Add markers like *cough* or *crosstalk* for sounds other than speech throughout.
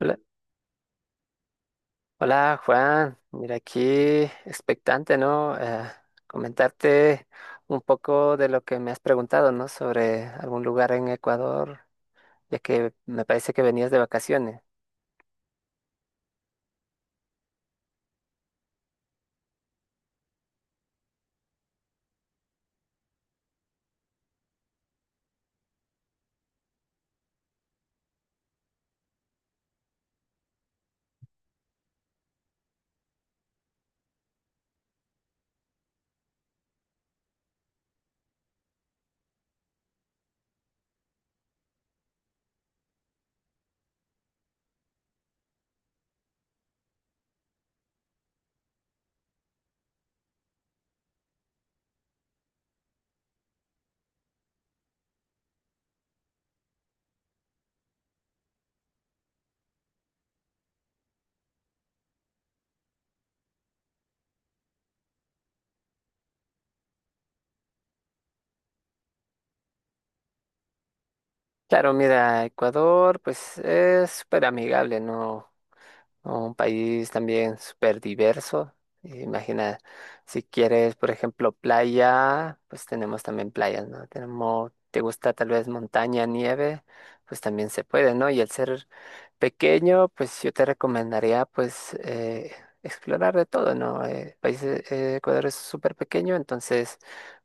Hola, hola, Juan, mira aquí expectante, ¿no? Comentarte un poco de lo que me has preguntado, ¿no? Sobre algún lugar en Ecuador, ya que me parece que venías de vacaciones. Claro, mira, Ecuador pues es súper amigable, ¿no? Un país también súper diverso. Imagina, si quieres, por ejemplo, playa, pues tenemos también playas, ¿no? Tenemos, ¿te gusta tal vez montaña, nieve? Pues también se puede, ¿no? Y el ser pequeño, pues yo te recomendaría pues explorar de todo, ¿no? Países, Ecuador es súper pequeño, entonces,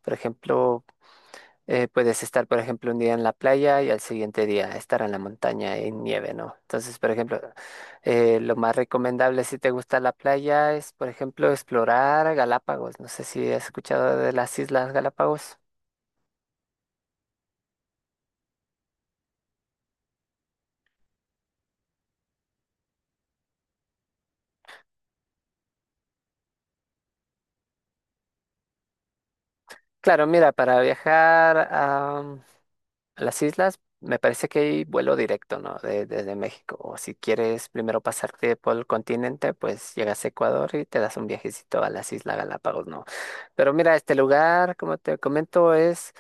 por ejemplo, puedes estar, por ejemplo, un día en la playa y al siguiente día estar en la montaña en nieve, ¿no? Entonces, por ejemplo, lo más recomendable si te gusta la playa es, por ejemplo, explorar Galápagos. No sé si has escuchado de las Islas Galápagos. Claro, mira, para viajar a las islas me parece que hay vuelo directo, ¿no? Desde México. O si quieres primero pasarte por el continente, pues llegas a Ecuador y te das un viajecito a las Islas Galápagos, ¿no? Pero mira, este lugar, como te comento, es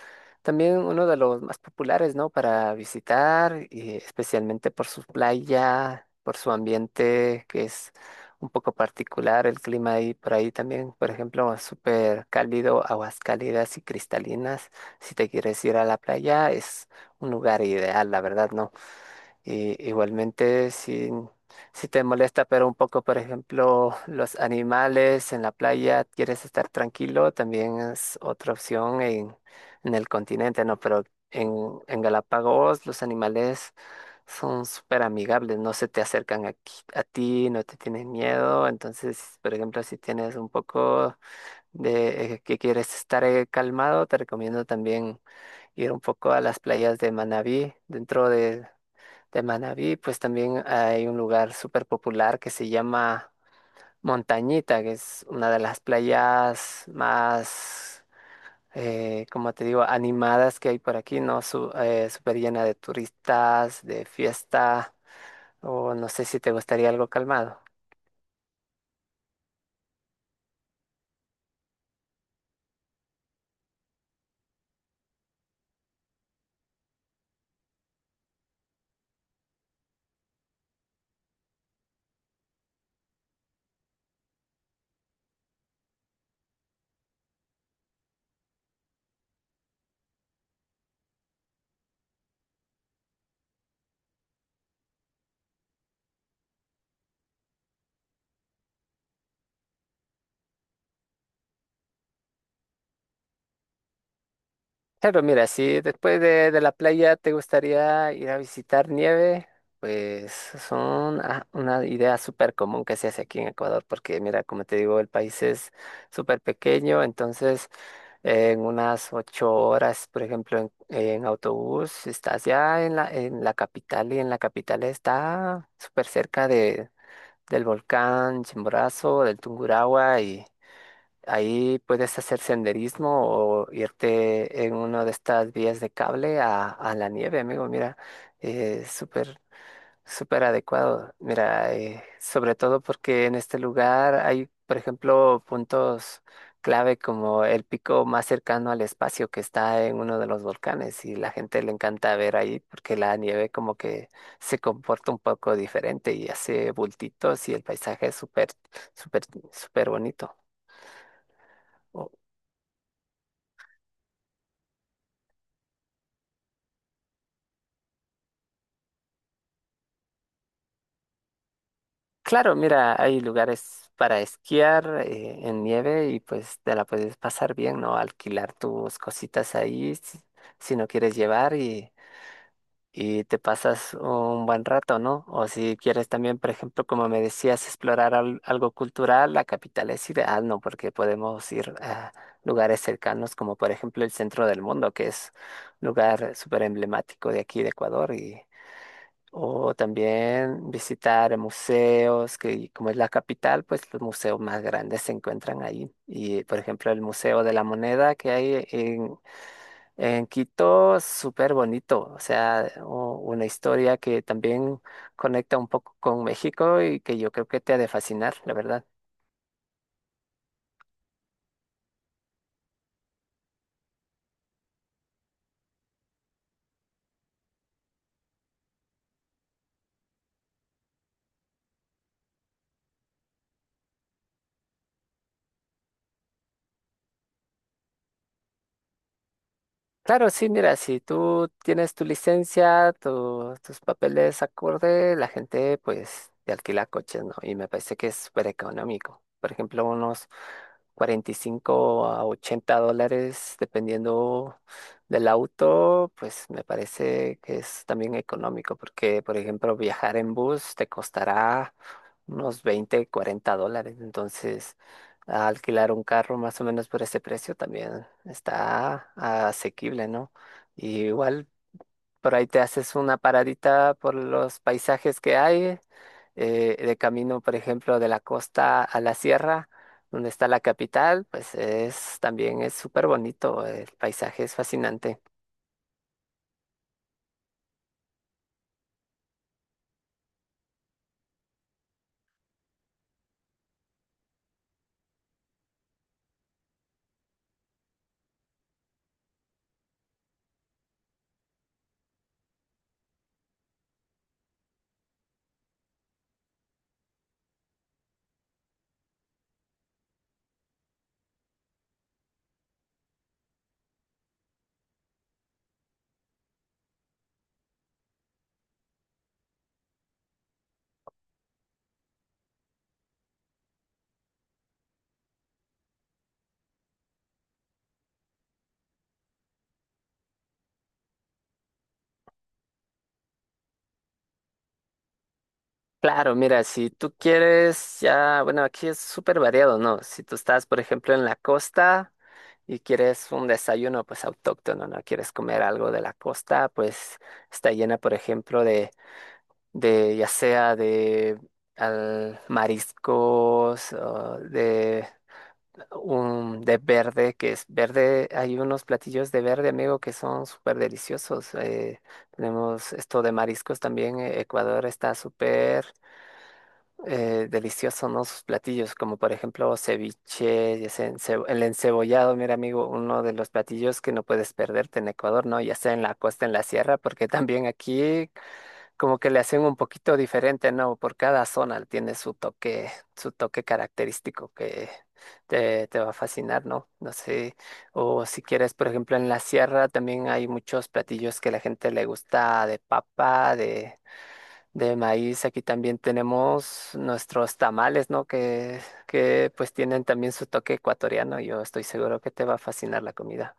también uno de los más populares, ¿no? Para visitar, y especialmente por su playa, por su ambiente, que es un poco particular, el clima ahí por ahí también, por ejemplo, súper cálido, aguas cálidas y cristalinas. Si te quieres ir a la playa, es un lugar ideal, la verdad, ¿no? Y igualmente, si te molesta, pero un poco, por ejemplo, los animales en la playa, quieres estar tranquilo, también es otra opción en el continente, ¿no? Pero en Galápagos los animales son súper amigables, no se te acercan aquí, a ti, no te tienen miedo, entonces, por ejemplo, si tienes un poco de que quieres estar calmado, te recomiendo también ir un poco a las playas de Manabí. Dentro de Manabí, pues también hay un lugar súper popular que se llama Montañita, que es una de las playas más, como te digo, animadas que hay por aquí, ¿no? Súper llena de turistas, de fiesta, o no sé si te gustaría algo calmado. Claro, mira, si después de la playa te gustaría ir a visitar nieve, pues son una idea súper común que se hace aquí en Ecuador, porque mira, como te digo, el país es súper pequeño, entonces en unas 8 horas, por ejemplo, en autobús, estás ya en la capital y en la capital está súper cerca de, del volcán Chimborazo, del Tungurahua. Ahí puedes hacer senderismo o irte en una de estas vías de cable a la nieve, amigo. Mira, eh, súper, súper adecuado. Mira, sobre todo porque en este lugar hay, por ejemplo, puntos clave como el pico más cercano al espacio que está en uno de los volcanes y la gente le encanta ver ahí porque la nieve como que se comporta un poco diferente y hace bultitos y el paisaje es súper, súper bonito. Claro, mira, hay lugares para esquiar en nieve y pues te la puedes pasar bien, ¿no? Alquilar tus cositas ahí si no quieres llevar y te pasas un buen rato, ¿no? O si quieres también, por ejemplo, como me decías, explorar algo cultural, la capital es ideal, ¿no? Porque podemos ir a lugares cercanos como por ejemplo el centro del mundo, que es un lugar súper emblemático de aquí de Ecuador o también visitar museos, que como es la capital, pues los museos más grandes se encuentran ahí. Y por ejemplo, el Museo de la Moneda que hay en Quito, súper bonito. O sea, una historia que también conecta un poco con México y que yo creo que te ha de fascinar, la verdad. Claro, sí, mira, si tú tienes tu licencia, tus papeles acorde, la gente pues te alquila coches, ¿no? Y me parece que es súper económico. Por ejemplo, unos $45 a $80, dependiendo del auto, pues me parece que es también económico, porque, por ejemplo, viajar en bus te costará unos 20, $40. Entonces alquilar un carro más o menos por ese precio también está asequible, ¿no? Y igual por ahí te haces una paradita por los paisajes que hay, de camino, por ejemplo, de la costa a la sierra, donde está la capital, pues es también es súper bonito, el paisaje es fascinante. Claro, mira, si tú quieres ya, bueno, aquí es súper variado, ¿no? Si tú estás, por ejemplo, en la costa, y quieres un desayuno pues autóctono, ¿no? Quieres comer algo de la costa, pues está llena, por ejemplo, de ya sea de mariscos, o de un de verde, que es verde, hay unos platillos de verde, amigo, que son súper deliciosos. Tenemos esto de mariscos también, Ecuador está súper deliciosos, ¿no? Sus platillos, como por ejemplo ceviche, ya sea en el encebollado, mira amigo, uno de los platillos que no puedes perderte en Ecuador, ¿no? Ya sea en la costa, en la sierra, porque también aquí como que le hacen un poquito diferente, ¿no? Por cada zona tiene su toque característico que te va a fascinar, ¿no? No sé, o si quieres, por ejemplo, en la sierra también hay muchos platillos que la gente le gusta de papa, de maíz, aquí también tenemos nuestros tamales, ¿no? Que pues tienen también su toque ecuatoriano. Yo estoy seguro que te va a fascinar la comida.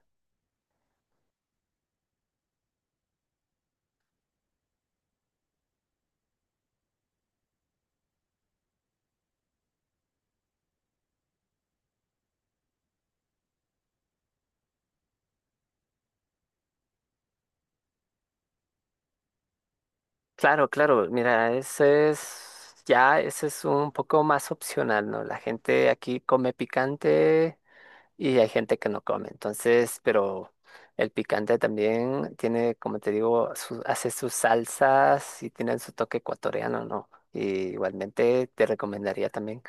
Claro, claro, mira, ese es, ya, ese es un poco más opcional, ¿no? La gente aquí come picante y hay gente que no come. Entonces, pero el picante también tiene, como te digo, hace sus salsas y tienen su toque ecuatoriano, ¿no? Y igualmente te recomendaría también.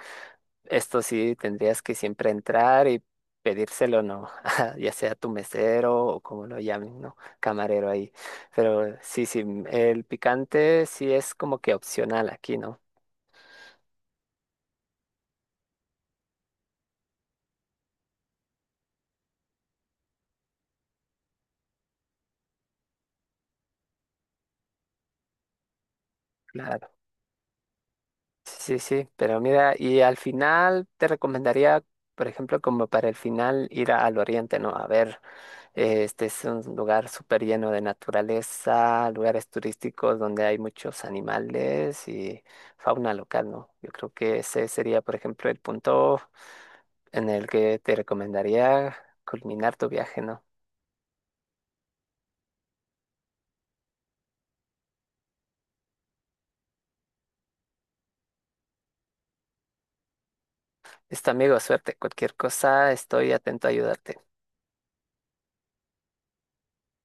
Esto sí tendrías que siempre entrar y pedírselo, ¿no? *laughs* Ya sea tu mesero o como lo llamen, ¿no? Camarero ahí. Pero sí, sí, el picante sí es como que opcional aquí, ¿no? Claro. Sí, sí, sí. Pero mira, y al final te recomendaría, por ejemplo, como para el final ir al oriente, ¿no? A ver. Este es un lugar súper lleno de naturaleza, lugares turísticos donde hay muchos animales y fauna local, ¿no? Yo creo que ese sería, por ejemplo, el punto en el que te recomendaría culminar tu viaje, ¿no? Listo, amigo, suerte. Cualquier cosa, estoy atento a ayudarte.